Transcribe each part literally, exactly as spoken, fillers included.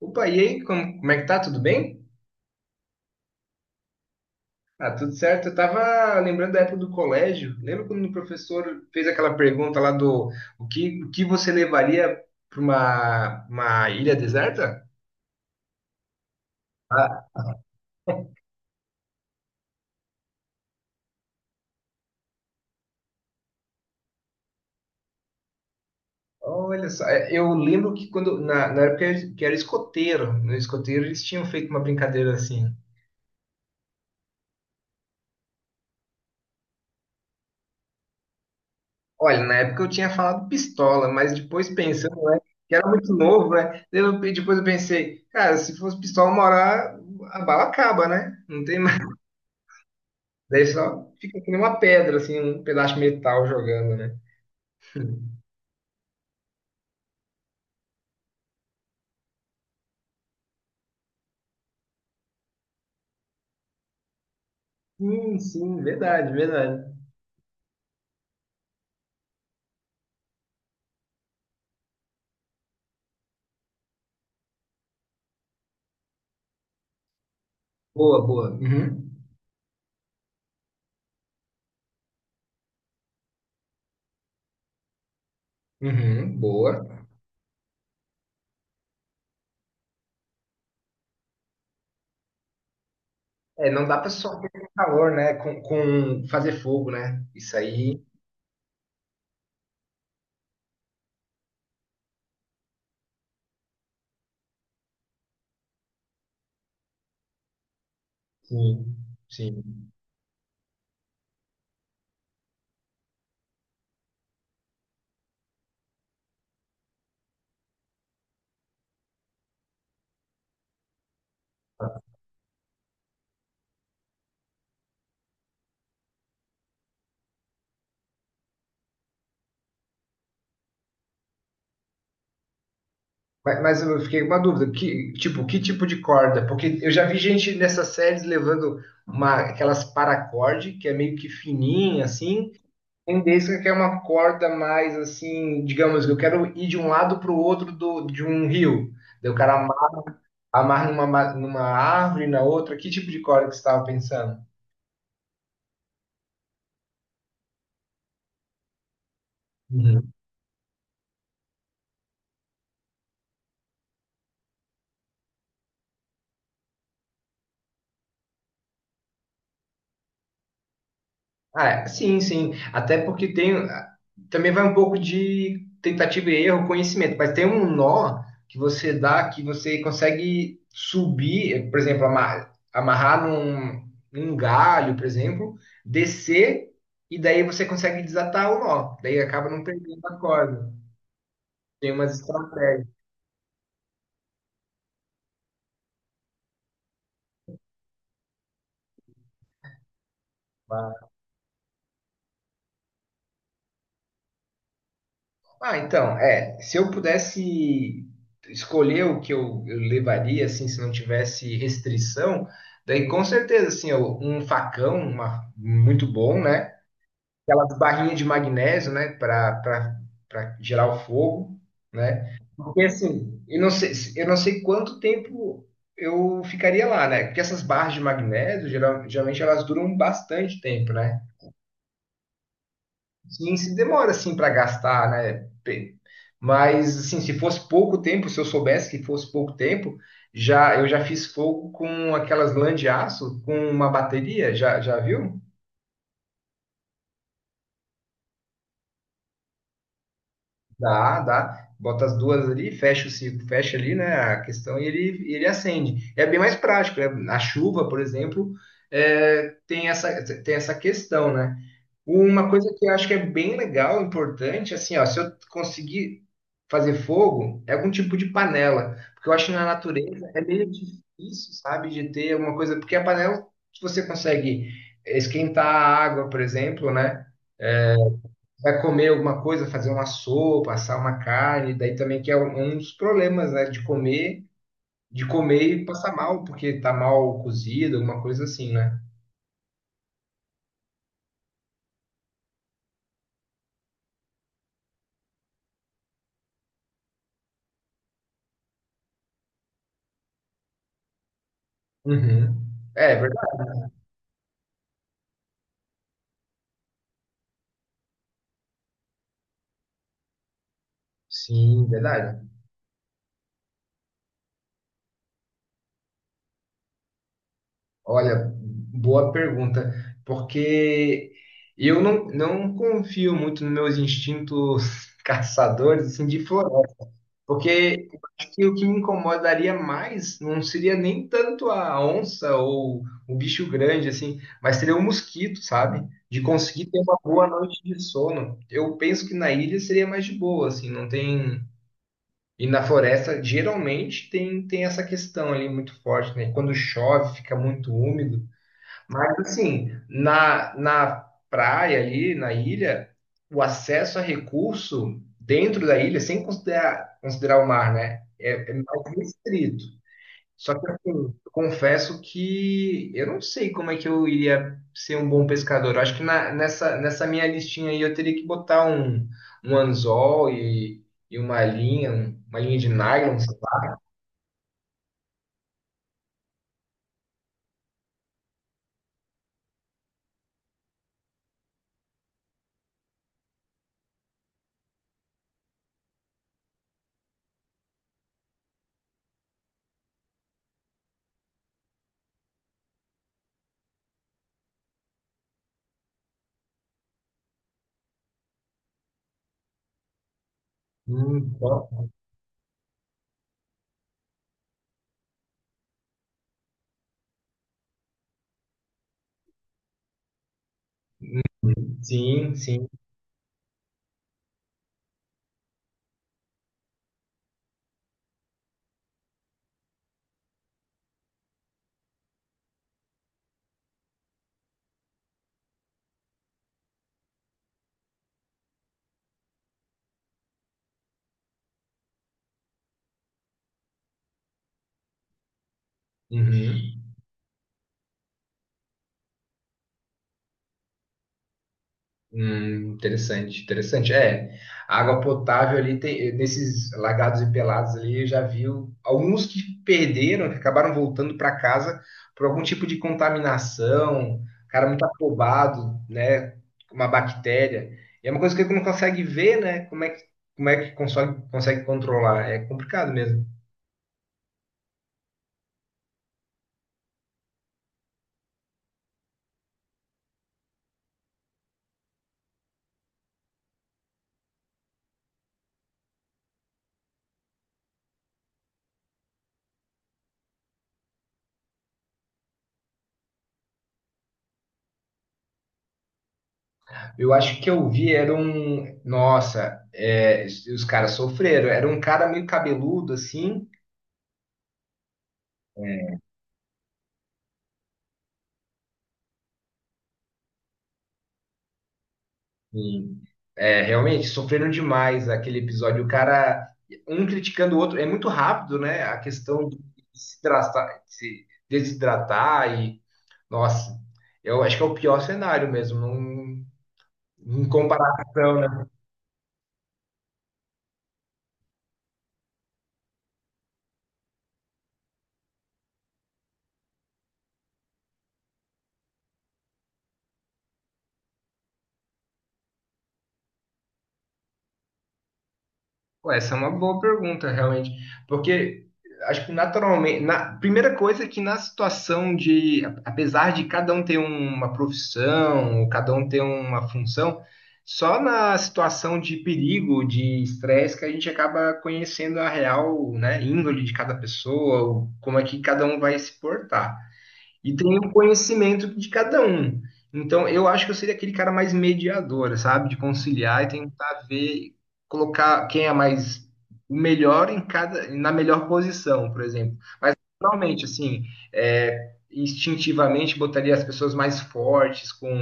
Opa, e aí, como, como é que tá? Tudo bem? Ah, tudo certo. Eu tava lembrando da época do colégio. Lembra quando o professor fez aquela pergunta lá do o que, o que você levaria para uma, uma ilha deserta? Ah, olha só, é, eu lembro que quando na, na época que era escoteiro, no escoteiro eles tinham feito uma brincadeira assim. Olha, na época eu tinha falado pistola, mas depois pensando, né, que era muito novo, né? Eu, depois eu pensei, cara, se fosse pistola, uma hora a bala acaba, né? Não tem mais. Daí só fica que nem uma pedra, assim, um pedaço de metal jogando, né? Sim, sim, verdade, verdade. Boa, boa. Uhum. Uhum, boa. É, não dá pra só ter calor, né? Com, com fazer fogo, né? Isso aí. Sim, sim. Mas, mas eu fiquei com uma dúvida. Que, tipo, que tipo de corda? Porque eu já vi gente nessas séries levando uma, aquelas paracorde, que é meio que fininha, assim. Tendência que é uma corda mais assim, digamos, eu quero ir de um lado para o outro do, de um rio. Daí o cara ama- amarra numa, ma- numa árvore, na outra. Que tipo de corda que você estava pensando? Ah, é, sim, sim. Até porque tem. ah, Também vai um pouco de tentativa e erro, conhecimento, mas tem um nó que você dá que você consegue subir, por exemplo, amar- amarrar num, num galho, por exemplo, descer, e daí você consegue desatar o nó. Daí acaba não perdendo a corda. Tem umas estratégias. Ah, então, é, se eu pudesse escolher o que eu, eu levaria, assim, se não tivesse restrição, daí com certeza, assim, eu- um facão, uma- muito bom, né? Aquelas barrinhas de magnésio, né, para para gerar o fogo, né? Porque, assim, eu não sei, eu não sei quanto tempo eu ficaria lá, né? Porque essas barras de magnésio, geral- geralmente, elas duram bastante tempo, né? Sim, se demora assim para gastar, né? Pe- Mas assim, se fosse pouco tempo, se eu soubesse que fosse pouco tempo, já eu já fiz fogo com aquelas lã de aço com uma bateria, já já viu? Dá, dá. Bota as duas ali, fecha o ciclo, fecha ali, né, a questão e ele ele acende. É bem mais prático, né? Na chuva, por exemplo, é, tem essa tem essa questão, né? Uma coisa que eu acho que é bem legal, importante, assim, ó, se eu conseguir fazer fogo, é algum tipo de panela, porque eu acho que na natureza é meio difícil, sabe, de ter alguma coisa, porque a panela, se você consegue esquentar a água, por exemplo, né, vai comer alguma coisa, fazer uma sopa, assar uma carne, daí também que é um um dos problemas, né, de comer, de comer e passar mal, porque tá mal cozido, alguma coisa assim, né? Uhum. É, é verdade. Sim, verdade. Olha, boa pergunta, porque eu não, não confio muito nos meus instintos caçadores assim, de floresta, porque eu acho que o que me incomodaria mais não seria nem tanto a onça ou o bicho grande, assim, mas seria o mosquito, sabe? De conseguir ter uma boa noite de sono. Eu penso que na ilha seria mais de boa, assim, não tem. E na floresta, geralmente, tem, tem essa questão ali muito forte, né? Quando chove, fica muito úmido. Mas assim, na, na praia ali, na ilha, o acesso a recurso dentro da ilha, sem considerar, considerar o mar, né? É, é mais restrito. Só que assim, eu confesso que eu não sei como é que eu iria ser um bom pescador. Eu acho que na- nessa, nessa minha listinha aí eu teria que botar um, um anzol e, e uma linha, um- uma linha de nylon, sei lá. Hum, bom. Sim, sim. Uhum. Hum, interessante, interessante. É, a água potável ali tem, nesses lagados e pelados ali, eu já vi alguns que perderam, que acabaram voltando para casa por algum tipo de contaminação, cara muito afobado, né, uma bactéria. E é uma coisa que ele não consegue ver, né, como é que Como é que consegue, consegue controlar? É complicado mesmo. Eu acho que eu vi, era um. Nossa, é, os caras sofreram. Era um cara meio cabeludo, assim. Sim. É, realmente, sofreram demais aquele episódio. O cara, um criticando o outro, é muito rápido, né? A questão de se hidratar- se desidratar e, nossa, eu acho que é o pior cenário mesmo, não, em comparação, né? Pô, essa é uma boa pergunta, realmente. Porque acho que naturalmente, na primeira coisa é que na situação de, a- apesar de cada um ter uma profissão, ou cada um ter uma função, só na situação de perigo, de estresse, que a gente acaba conhecendo a real, né, índole de cada pessoa, ou como é que cada um vai se portar e tem o conhecimento de cada um. Então, eu acho que eu seria aquele cara mais mediador, sabe? De conciliar e tentar ver, colocar quem é mais o melhor em cada, na melhor posição, por exemplo normalmente assim, é, instintivamente botaria as pessoas mais fortes com,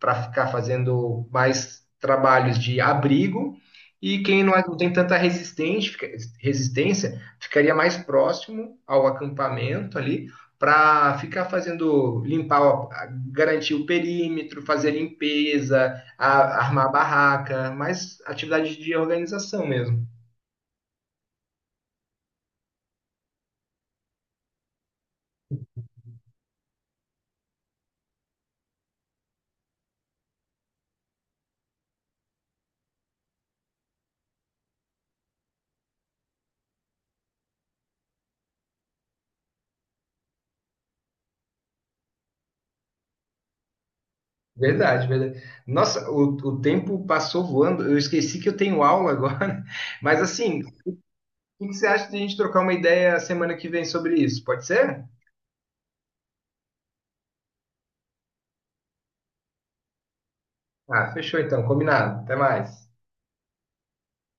para ficar fazendo mais trabalhos de abrigo e quem não, é- não tem tanta resistente- fica- resistência ficaria mais próximo ao acampamento ali para ficar fazendo limpar, o- a- garantir o perímetro, fazer a limpeza, a- armar a barraca, mais atividade de organização mesmo. Verdade, verdade. Nossa, o, o tempo passou voando. Eu esqueci que eu tenho aula agora. Mas assim, o que que você acha de a gente trocar uma ideia semana que vem sobre isso? Pode ser? Ah, fechou então, combinado. Até mais.